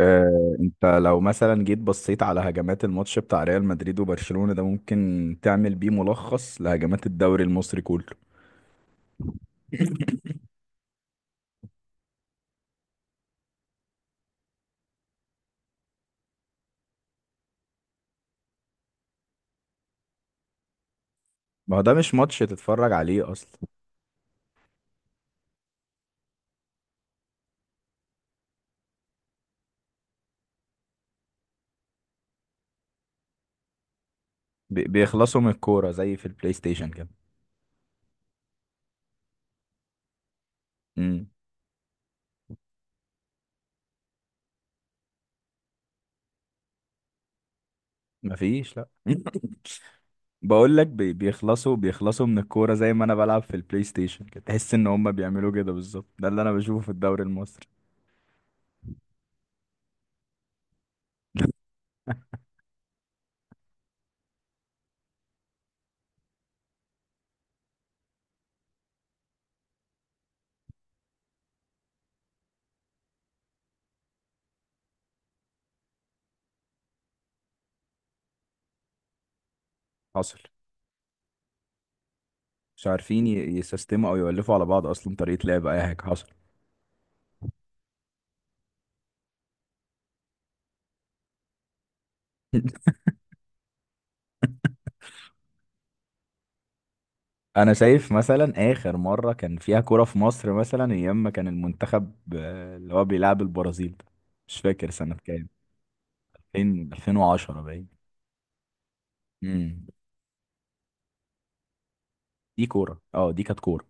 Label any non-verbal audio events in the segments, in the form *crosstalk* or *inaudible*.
آه، انت لو مثلا جيت بصيت على هجمات الماتش بتاع ريال مدريد وبرشلونة ده، ممكن تعمل بيه ملخص لهجمات الدوري المصري كله. ما هو ده مش ماتش تتفرج عليه اصلا. بيخلصوا من الكورة زي في البلاي ستيشن كده. امم. مفيش، لا. بقول لك، بيخلصوا من الكورة زي ما انا بلعب في البلاي ستيشن كده. تحس ان هم بيعملوا كده بالظبط، ده اللي انا بشوفه في الدوري المصري. *laughs* حصل. مش عارفين يسيستموا او يولفوا على بعض، اصلا طريقة لعب اي حاجة. حصل. انا شايف مثلا اخر مره كان فيها كوره في مصر، مثلا ايام ما كان المنتخب اللي هو بيلعب البرازيل ده. مش فاكر سنه كام، 2000، 2010 باين. امم. دي كوره، اه، دي كانت كوره.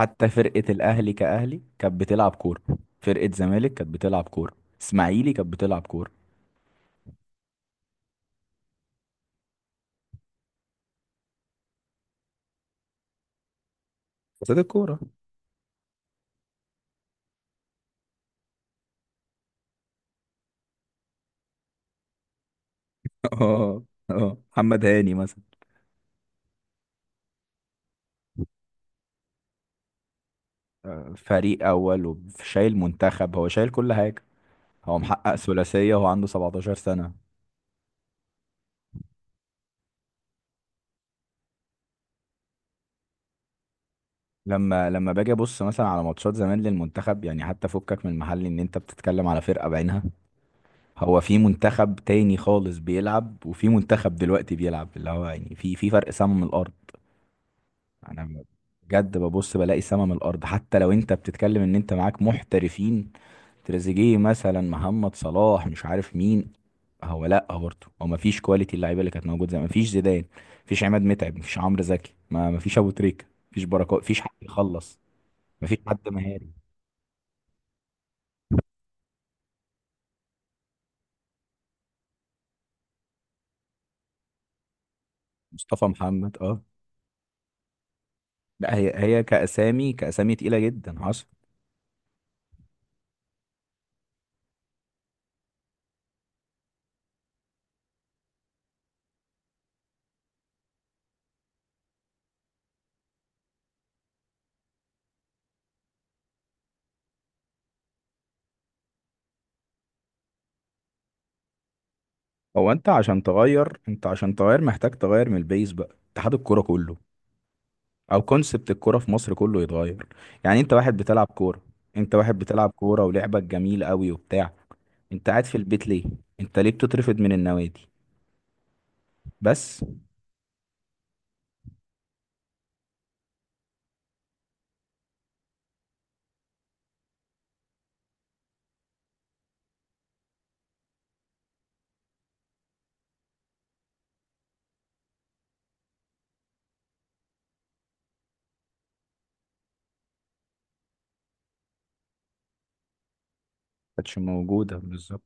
حتى فرقه الاهلي كاهلي كانت بتلعب كوره، فرقه زمالك كانت بتلعب كوره، اسماعيلي كانت بتلعب كوره. بس دي الكوره. *laughs* اه، اه، محمد هاني مثلا. آه، فريق اول وشايل منتخب، هو شايل كل حاجه. هو محقق ثلاثيه وهو عنده 17 سنه. لما باجي ابص مثلا على ماتشات زمان للمنتخب، يعني حتى فكك من المحل ان انت بتتكلم على فرقة بعينها. هو في منتخب تاني خالص بيلعب، وفي منتخب دلوقتي بيلعب، اللي هو يعني في فرق سما من الارض. انا بجد ببص بلاقي سما من الارض، حتى لو انت بتتكلم ان انت معاك محترفين. تريزيجيه مثلا، محمد صلاح، مش عارف مين. هو، لا برضه، هو مفيش كواليتي اللعيبه اللي كانت موجوده زمان. مفيش زيدان، مفيش عماد متعب، مفيش عمرو زكي، ما مفيش ابو تريكه. مفيش بركات، مفيش حد يخلص. مفيش حد مهاري. مصطفى محمد، اه. لا، هي هي كأسامي، كأسامي تقيلة جدا. حصل. هو انت عشان تغير محتاج تغير من البيز بقى، اتحاد الكورة كله، او كونسبت الكورة في مصر كله يتغير. يعني انت واحد بتلعب كورة، انت واحد بتلعب كورة ولعبك جميل قوي وبتاع، انت قاعد في البيت ليه؟ انت ليه بتترفض من النوادي؟ بس ما كانتش موجودة بالظبط.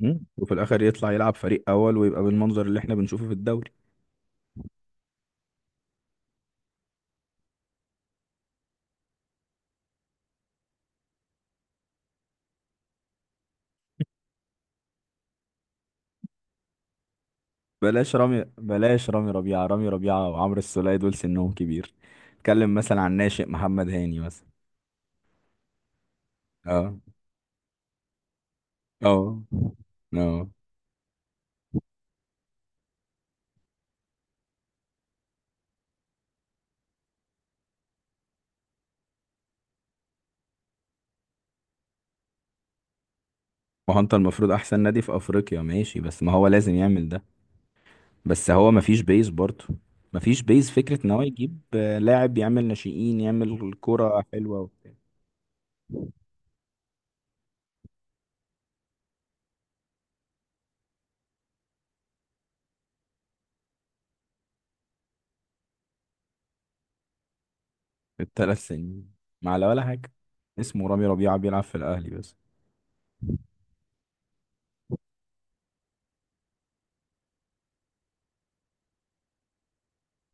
وفي الاخر يطلع يلعب فريق اول ويبقى بالمنظر اللي احنا بنشوفه في الدوري. بلاش رامي ربيعة. رامي ربيعة وعمرو السولية دول سنهم كبير. اتكلم مثلا عن ناشئ، محمد هاني مثلا. اه، اه، اه. ما هو انت المفروض احسن نادي في افريقيا، ماشي، بس ما هو لازم يعمل ده. بس هو ما فيش بيز برضه. ما فيش بيز، فكرة ان هو يجيب لاعب، يعمل ناشئين، يعمل كرة حلوة. في ال3 سنين. ما على ولا حاجة. اسمه رامي ربيعة بيلعب في الاهلي بس.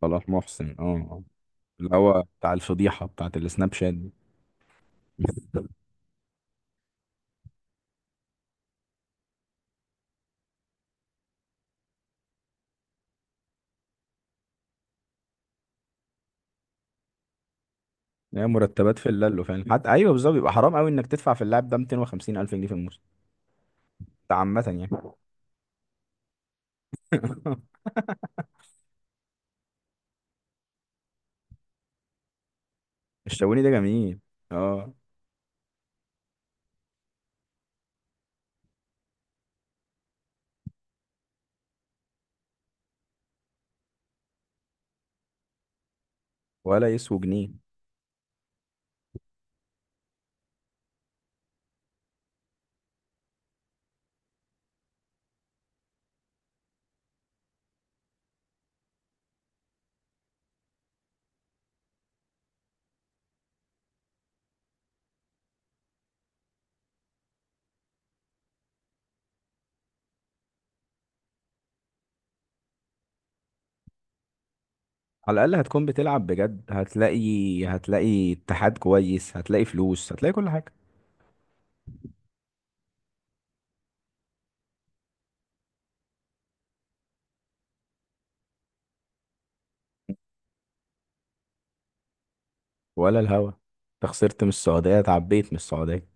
صلاح محسن، اه، آه. اللي هو بتاع الفضيحة بتاعت السناب شات دي. *laughs* يعني مرتبات في اللالو فعلا. حتى ايوه بالظبط، بيبقى حرام قوي انك تدفع في اللاعب ده 250 الف جنيه في الموسم. ده عامه يعني. *laughs* الشاوني ده جميل، اه. ولا يسوى جنيه. على الاقل هتكون بتلعب بجد. هتلاقي اتحاد كويس، هتلاقي فلوس، هتلاقي كل حاجه. ولا الهوا، انت خسرت من السعوديه، اتعبيت من السعوديه.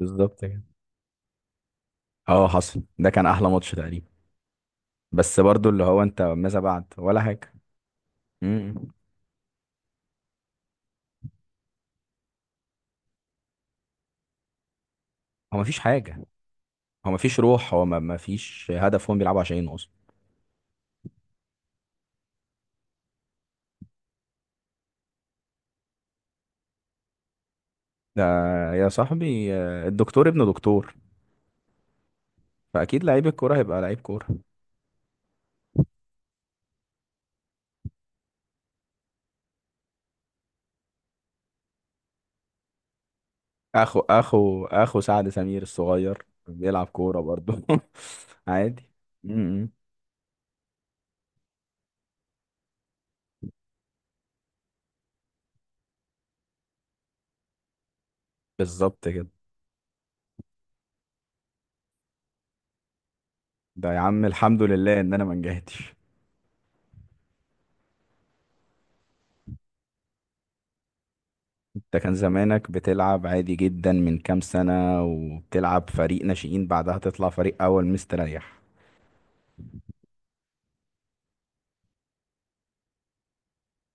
بالظبط كده. اه، حصل، ده كان احلى ماتش تقريبا. بس برضو اللي هو انت ماذا بعد؟ ولا حاجه. امم. هو مفيش حاجه. هو مفيش روح، هو مفيش هدف هم بيلعبوا عشانه اصلا. ده يا صاحبي الدكتور ابن دكتور. فاكيد لعيب الكوره هيبقى لعيب كوره. اخو سعد سمير الصغير بيلعب كوره برضه. *laughs* عادي. م- م. بالظبط كده. ده يا عم الحمد لله ان انا ما نجحتش. انت كان زمانك بتلعب عادي جدا من كام سنه، وبتلعب فريق ناشئين، بعدها تطلع فريق اول مستريح.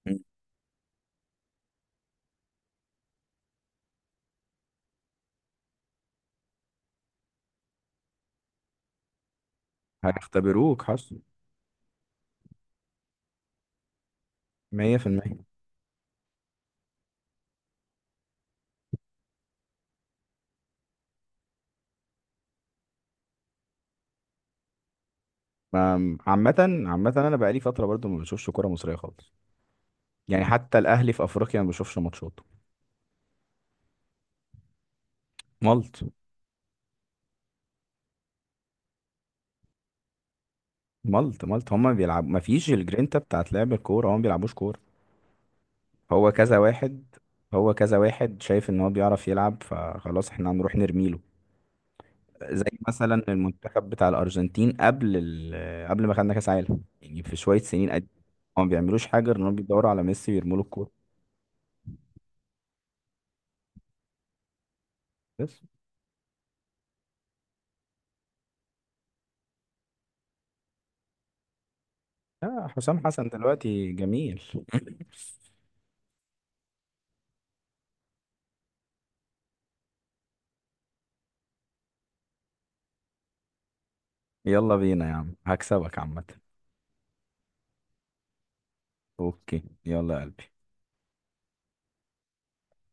م. هيختبروك. حصل. 100%. عامة، عامة انا بقالي فترة برضو ما بشوفش كورة مصرية خالص. يعني حتى الاهلي في افريقيا ما بشوفش ماتشاته. مالط. مالط مالط، هما بيلعبوا ما فيش الجرينتا بتاعت لعب الكوره، هما ما بيلعبوش كوره. هو كذا واحد. هو كذا واحد شايف ان هو بيعرف يلعب، فخلاص احنا هنروح نرميله. زي مثلا المنتخب بتاع الارجنتين قبل ما خدنا كاس عالم، يعني في شويه سنين قد. هما ما بيعملوش حاجه غير ان هما بيدوروا على ميسي ويرموا له الكوره. بس. آه، حسام حسن دلوقتي جميل. يلا بينا يا عم، هكسبك عامه. اوكي، يلا يا قلبي.